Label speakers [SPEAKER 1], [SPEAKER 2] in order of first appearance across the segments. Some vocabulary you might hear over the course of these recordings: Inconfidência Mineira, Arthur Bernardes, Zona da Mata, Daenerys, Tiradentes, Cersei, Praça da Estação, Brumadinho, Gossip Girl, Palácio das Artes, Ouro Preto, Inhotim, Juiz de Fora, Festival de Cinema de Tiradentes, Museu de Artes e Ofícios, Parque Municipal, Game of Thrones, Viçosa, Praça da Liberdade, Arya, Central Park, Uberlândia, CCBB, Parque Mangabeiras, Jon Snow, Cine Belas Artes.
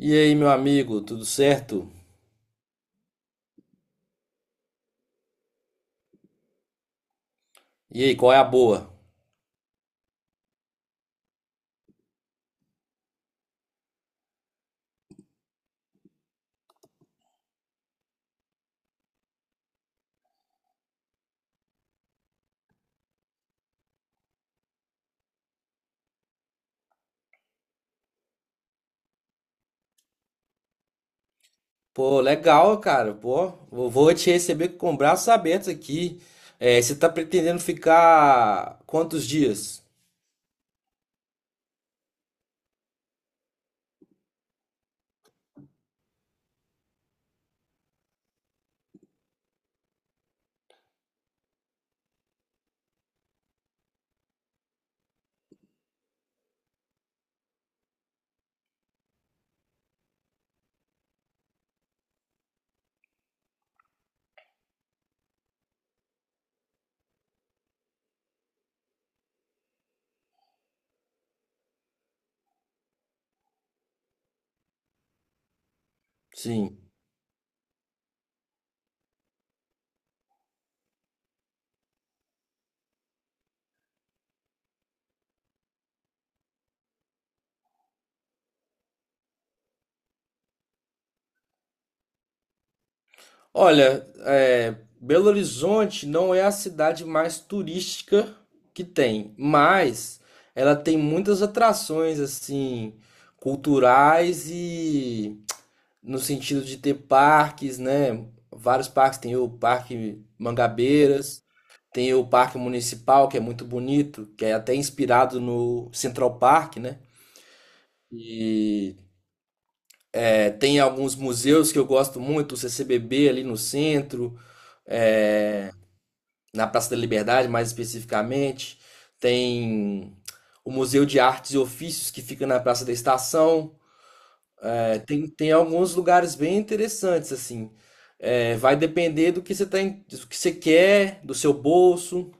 [SPEAKER 1] E aí, meu amigo, tudo certo? E aí, qual é a boa? Pô, legal, cara. Pô, eu vou te receber com braços abertos aqui. É, você tá pretendendo ficar quantos dias? Sim. Olha, é, Belo Horizonte não é a cidade mais turística que tem, mas ela tem muitas atrações, assim, culturais e no sentido de ter parques, né? Vários parques, tem o Parque Mangabeiras. Tem o Parque Municipal, que é muito bonito, que é até inspirado no Central Park, né? E tem alguns museus que eu gosto muito, o CCBB ali no centro, é, na Praça da Liberdade mais especificamente. Tem o Museu de Artes e Ofícios, que fica na Praça da Estação. É, tem alguns lugares bem interessantes, assim. É, vai depender do que você tá, do que você quer, do seu bolso.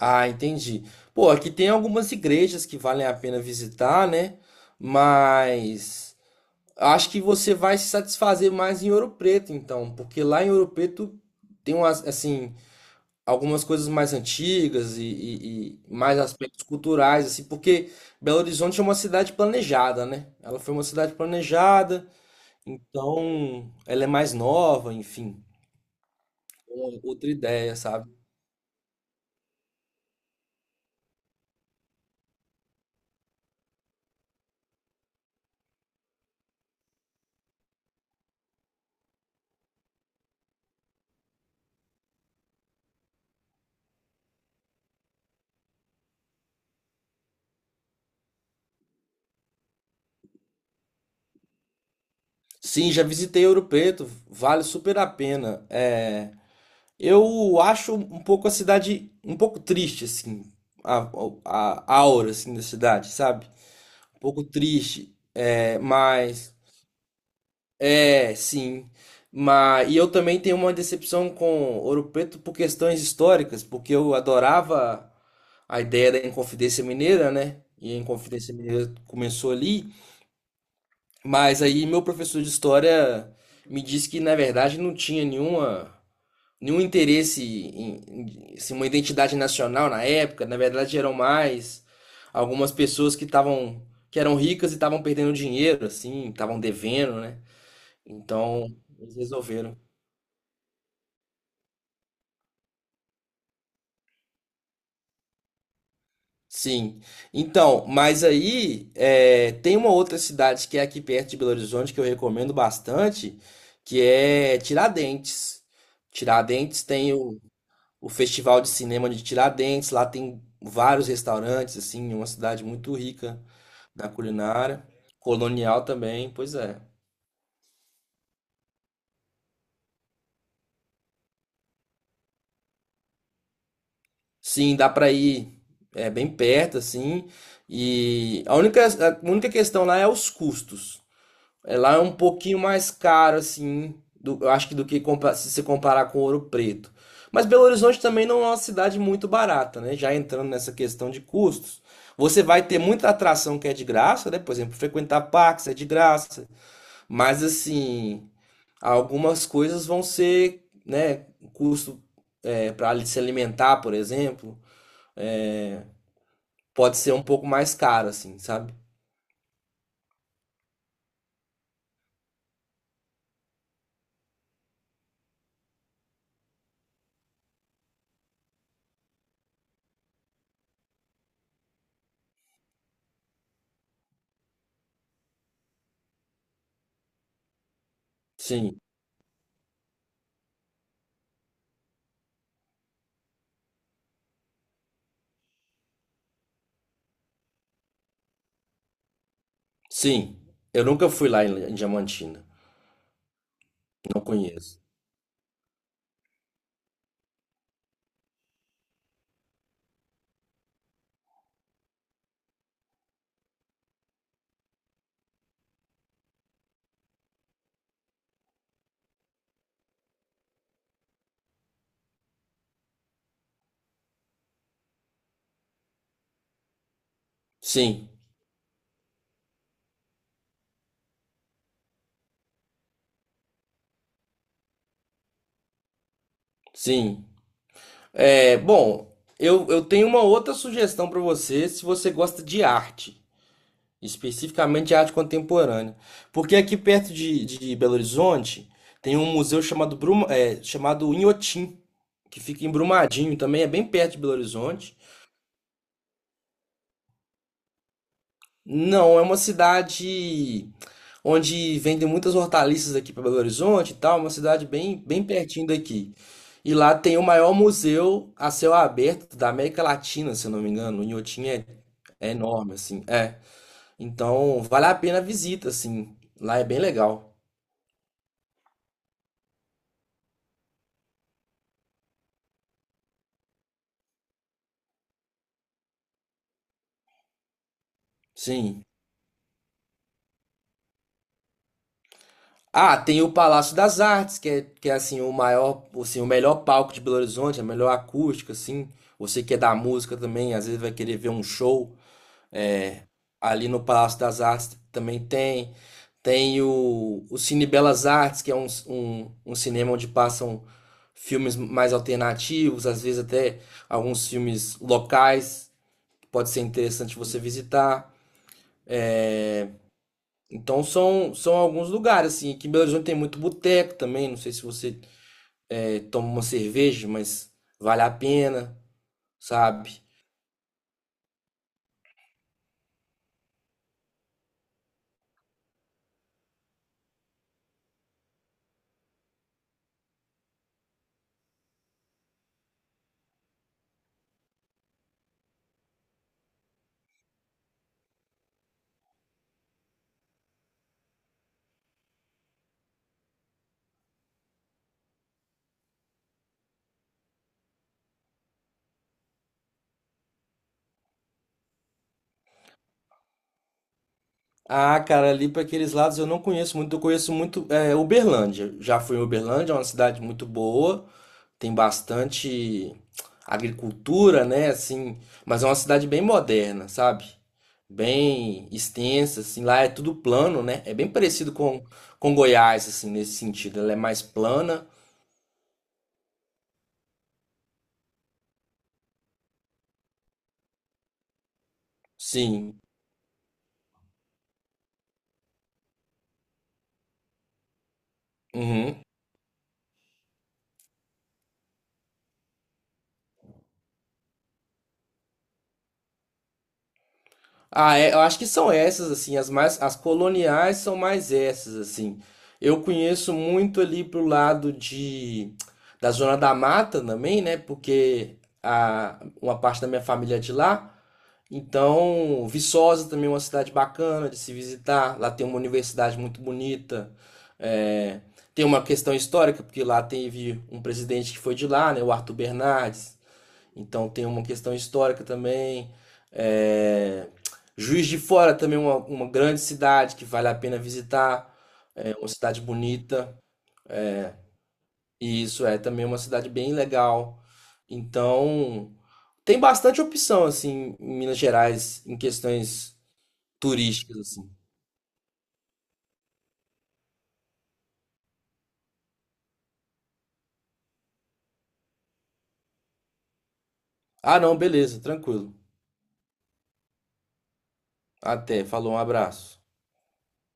[SPEAKER 1] Ah, entendi. Pô, aqui tem algumas igrejas que valem a pena visitar, né? Mas acho que você vai se satisfazer mais em Ouro Preto, então, porque lá em Ouro Preto tem umas, assim, algumas coisas mais antigas e mais aspectos culturais, assim, porque Belo Horizonte é uma cidade planejada, né? Ela foi uma cidade planejada, então ela é mais nova, enfim, é uma outra ideia, sabe? Sim, já visitei Ouro Preto, vale super a pena. É, eu acho um pouco a cidade um pouco triste, assim, a, a aura assim, da cidade, sabe? Um pouco triste, é, mas é, sim. Mas, e eu também tenho uma decepção com Ouro Preto por questões históricas, porque eu adorava a ideia da Inconfidência Mineira, né? E a Inconfidência Mineira começou ali. Mas aí meu professor de história me disse que na verdade não tinha nenhum interesse assim, uma identidade nacional na época, na verdade eram mais algumas pessoas que estavam que eram ricas e estavam perdendo dinheiro assim, estavam devendo, né? Então, eles resolveram. Sim. Então, mas aí é, tem uma outra cidade que é aqui perto de Belo Horizonte que eu recomendo bastante, que é Tiradentes. Tiradentes tem o Festival de Cinema de Tiradentes, lá tem vários restaurantes, assim, é uma cidade muito rica na culinária, colonial também, pois é. Sim, dá pra ir, é bem perto assim, e a única questão lá é os custos. É, lá é um pouquinho mais caro, assim, do, eu acho que do que se você comparar com Ouro Preto. Mas Belo Horizonte também não é uma cidade muito barata, né? Já entrando nessa questão de custos. Você vai ter muita atração que é de graça, né? Por exemplo, frequentar parques é de graça. Mas, assim, algumas coisas vão ser, né? Custo para se alimentar, por exemplo, é, pode ser um pouco mais caro, assim, sabe? Sim, sim. Eu nunca fui lá em Diamantina. Não conheço. Sim, sim. É, bom, eu tenho uma outra sugestão para você, se você gosta de arte, especificamente de arte contemporânea. Porque aqui perto de Belo Horizonte tem um museu chamado, Bruma, é, chamado Inhotim, que fica em Brumadinho, também é bem perto de Belo Horizonte. Não, é uma cidade onde vendem muitas hortaliças aqui para Belo Horizonte e tal, uma cidade bem, bem pertinho daqui. E lá tem o maior museu a céu aberto da América Latina, se eu não me engano. O Inhotim é, é enorme, assim. É. Então, vale a pena a visita, assim. Lá é bem legal. Sim. Ah, tem o Palácio das Artes, que é assim, o maior, assim, o melhor palco de Belo Horizonte, a melhor acústica, assim. Você que é da música também, às vezes vai querer ver um show. Ali no Palácio das Artes também tem. Tem o Cine Belas Artes, que é um cinema onde passam filmes mais alternativos, às vezes até alguns filmes locais, que pode ser interessante você visitar. É, então são, são alguns lugares, assim. Aqui em Belo Horizonte tem muito boteco também, não sei se você é, toma uma cerveja, mas vale a pena, sabe? Ah, cara, ali para aqueles lados eu não conheço muito. Eu conheço muito é, Uberlândia. Já fui em Uberlândia, é uma cidade muito boa, tem bastante agricultura, né? Assim, mas é uma cidade bem moderna, sabe? Bem extensa, assim. Lá é tudo plano, né? É bem parecido com Goiás, assim, nesse sentido. Ela é mais plana, sim. Uhum. Ah, é, eu acho que são essas, assim, as mais, as coloniais são mais essas, assim. Eu conheço muito ali pro lado da Zona da Mata também, né? Porque a, uma parte da minha família é de lá. Então, Viçosa também é uma cidade bacana de se visitar. Lá tem uma universidade muito bonita. É, tem uma questão histórica, porque lá teve um presidente que foi de lá, né? O Arthur Bernardes. Então tem uma questão histórica também. É, Juiz de Fora também é uma grande cidade que vale a pena visitar. É uma cidade bonita. E isso é também uma cidade bem legal. Então tem bastante opção assim em Minas Gerais em questões turísticas assim. Ah, não, beleza, tranquilo. Até, falou, um abraço.